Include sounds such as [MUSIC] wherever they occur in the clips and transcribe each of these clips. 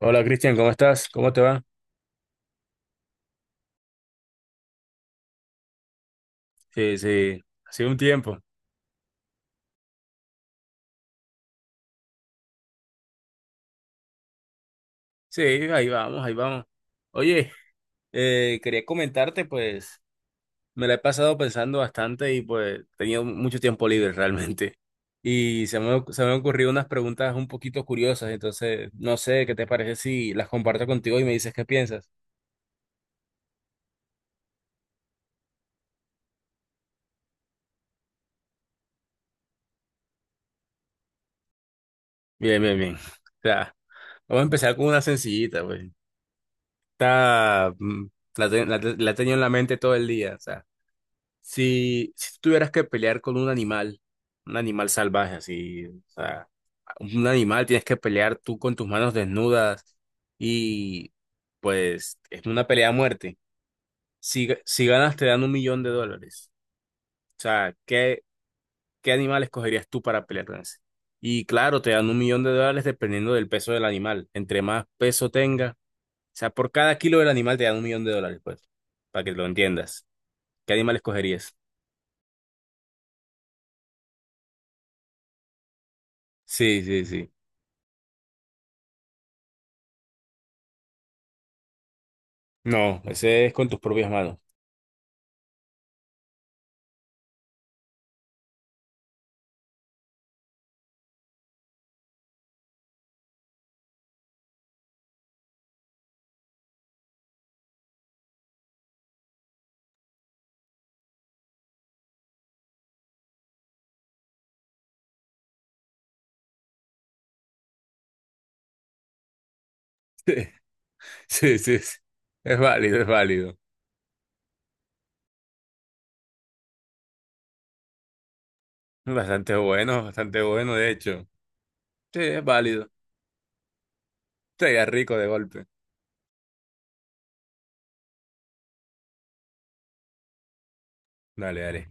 Hola Cristian, ¿cómo estás? ¿Cómo te va? Sí, sí, ha sido un tiempo. Sí, ahí vamos, ahí vamos. Oye, quería comentarte, pues me la he pasado pensando bastante y pues he tenido mucho tiempo libre [LAUGHS] realmente. Y se me han ocurrido unas preguntas un poquito curiosas, entonces no sé qué te parece si las comparto contigo y me dices qué piensas. Bien, bien, bien. O sea, vamos a empezar con una sencillita, pues. Está, mm, la he tenido en la mente todo el día, o sea. Si tuvieras que pelear con un animal salvaje, así, o sea, un animal tienes que pelear tú con tus manos desnudas y pues es una pelea a muerte. Si ganas te dan 1 millón de dólares. O sea, ¿qué animal escogerías tú para pelear con ese? Y claro, te dan 1 millón de dólares dependiendo del peso del animal. Entre más peso tenga, o sea, por cada kilo del animal te dan 1 millón de dólares, pues, para que lo entiendas. ¿Qué animal escogerías? Sí, sí, sí. No, ese es con tus propias manos. [LAUGHS] Sí, sí, sí. Es válido, es válido. Bastante bueno, de hecho. Sí, es válido. Sería rico de golpe. Dale, dale.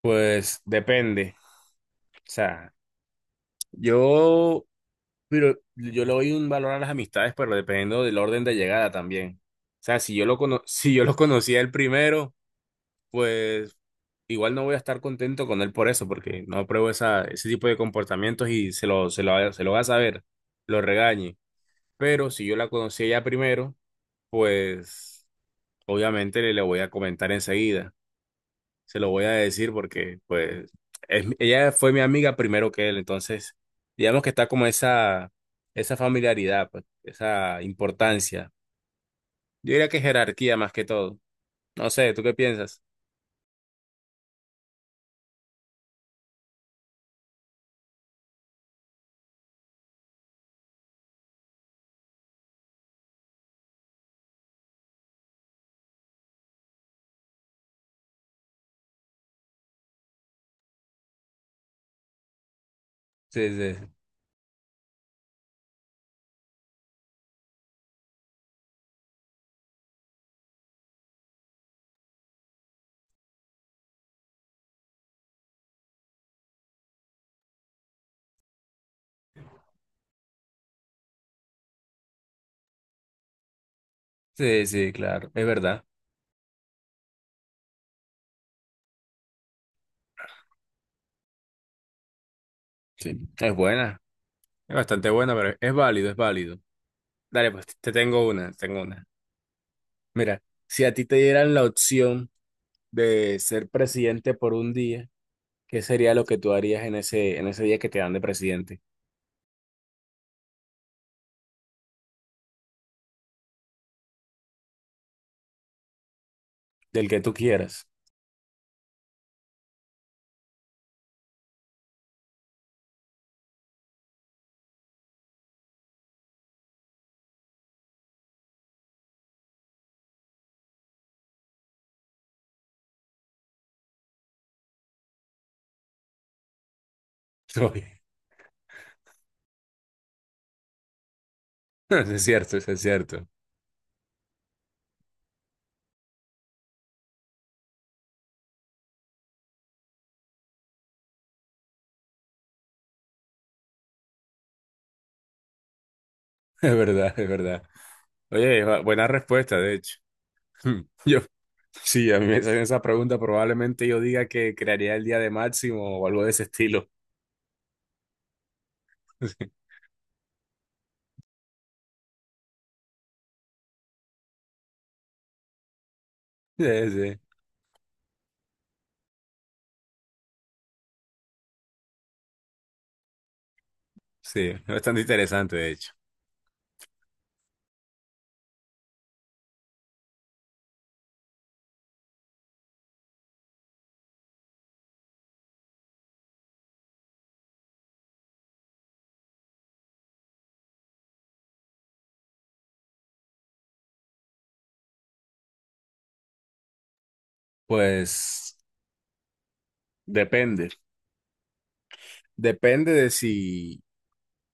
Pues depende. O sea, yo, pero yo le doy un valor a las amistades, pero dependiendo del orden de llegada también. O sea, si yo lo conocía el primero, pues igual no voy a estar contento con él por eso, porque no apruebo esa, ese tipo de comportamientos y se lo va a saber, lo regañe. Pero si yo la conocí a ella primero, pues obviamente le voy a comentar enseguida. Se lo voy a decir porque pues ella fue mi amiga primero que él. Entonces, digamos que está como esa familiaridad, pues, esa importancia. Yo diría que jerarquía más que todo. No sé, ¿tú qué piensas? Sí, sí, sí, sí, claro, es verdad. Sí, es buena, es bastante buena, pero es válido, es válido. Dale, pues te tengo una, te tengo una. Mira, si a ti te dieran la opción de ser presidente por un día, ¿qué sería lo que tú harías en ese día que te dan de presidente? Del que tú quieras. Oye, [LAUGHS] eso es cierto, eso es cierto. [LAUGHS] Es verdad, es verdad. Oye, buena respuesta, de hecho. [LAUGHS] Hmm, Yo, sí, a mí me hacen esa pregunta, probablemente yo diga que crearía el día de Máximo o algo de ese estilo. [LAUGHS] Sí, sí, sí, es bastante interesante, de hecho. Pues depende, depende de si,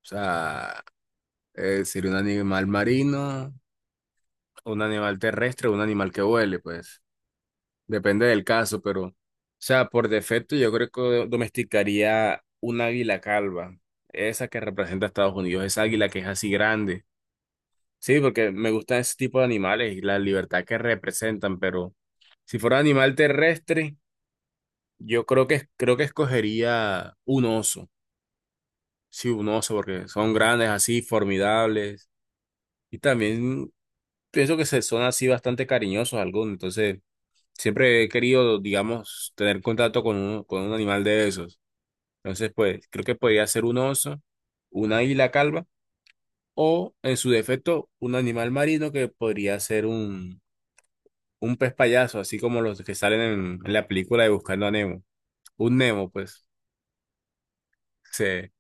o sea, sería un animal marino, un animal terrestre o un animal que vuele, pues depende del caso, pero, o sea, por defecto yo creo que domesticaría un águila calva, esa que representa a Estados Unidos, esa águila que es así grande. Sí, porque me gustan ese tipo de animales y la libertad que representan, pero si fuera animal terrestre, yo creo que escogería un oso, sí, un oso, porque son grandes así, formidables, y también pienso que se son así bastante cariñosos algunos, entonces... Siempre he querido, digamos, tener contacto con un animal de esos. Entonces, pues, creo que podría ser un oso, una águila calva o, en su defecto, un animal marino que podría ser un pez payaso, así como los que salen en la película de Buscando a Nemo. Un Nemo, pues, se,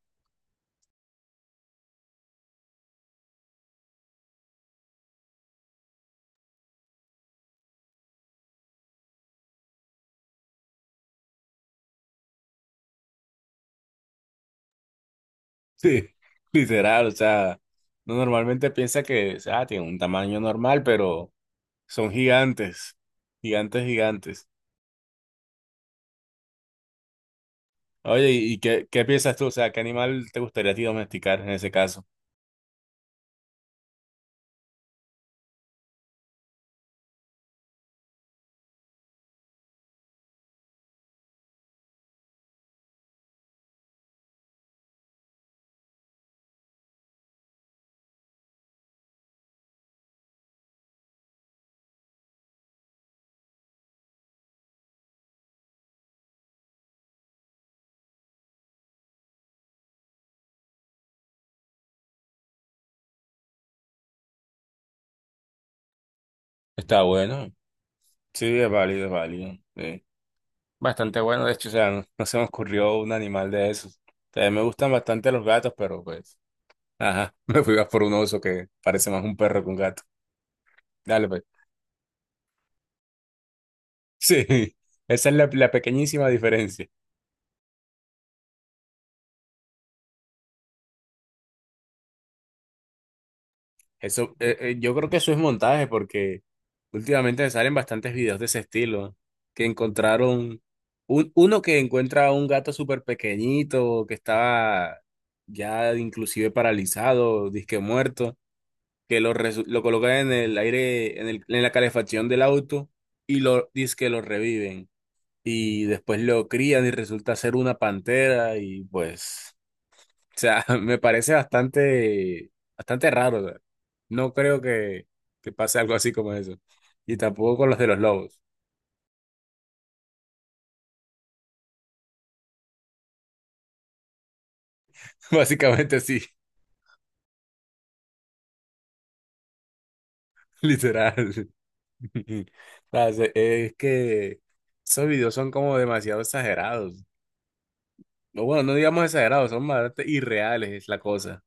[LAUGHS] sí, literal, o sea, no normalmente piensa que, o sea, tiene un tamaño normal, pero son gigantes, gigantes, gigantes. Oye, ¿y qué piensas tú? O sea, ¿qué animal te gustaría a ti domesticar en ese caso? Está bueno. Sí, es válido, es válido. Sí. Bastante bueno, de hecho, o sea, no, no se me ocurrió un animal de esos. También me gustan bastante los gatos, pero pues, ajá, [LAUGHS] me fui más por un oso que parece más un perro que un gato. Dale, pues. [LAUGHS] Sí, esa es la pequeñísima diferencia. Eso, yo creo que eso es montaje porque últimamente me salen bastantes videos de ese estilo, que encontraron uno que encuentra a un gato súper pequeñito que estaba ya inclusive paralizado, disque muerto, lo colocan en el aire, en la calefacción del auto y lo que lo reviven y después lo crían y resulta ser una pantera y pues o sea, [LAUGHS] me parece bastante raro. O sea, no creo que pase algo así como eso. Y tampoco con los de los lobos. [LAUGHS] Básicamente sí, [LAUGHS] literal. [LAUGHS] O sea, es que esos videos son como demasiado exagerados. O bueno, no digamos exagerados, son bastante irreales, es la cosa.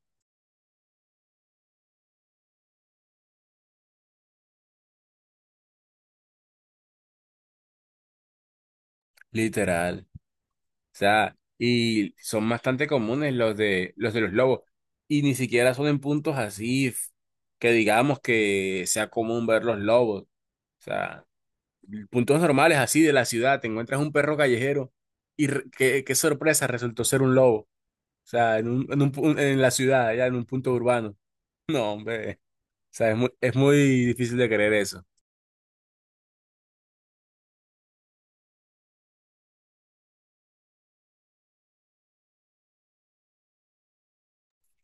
Literal. O sea, y son bastante comunes los de los lobos. Y ni siquiera son en puntos así que digamos que sea común ver los lobos. O sea, puntos normales así de la ciudad, te encuentras un perro callejero y qué sorpresa, resultó ser un lobo. O sea, en la ciudad, ya en un punto urbano. No, hombre, o sea, es muy difícil de creer eso,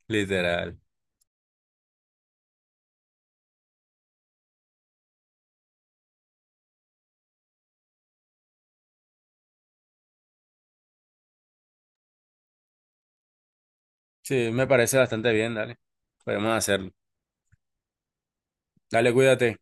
literal. Sí, me parece bastante bien, dale. Podemos hacerlo. Dale, cuídate.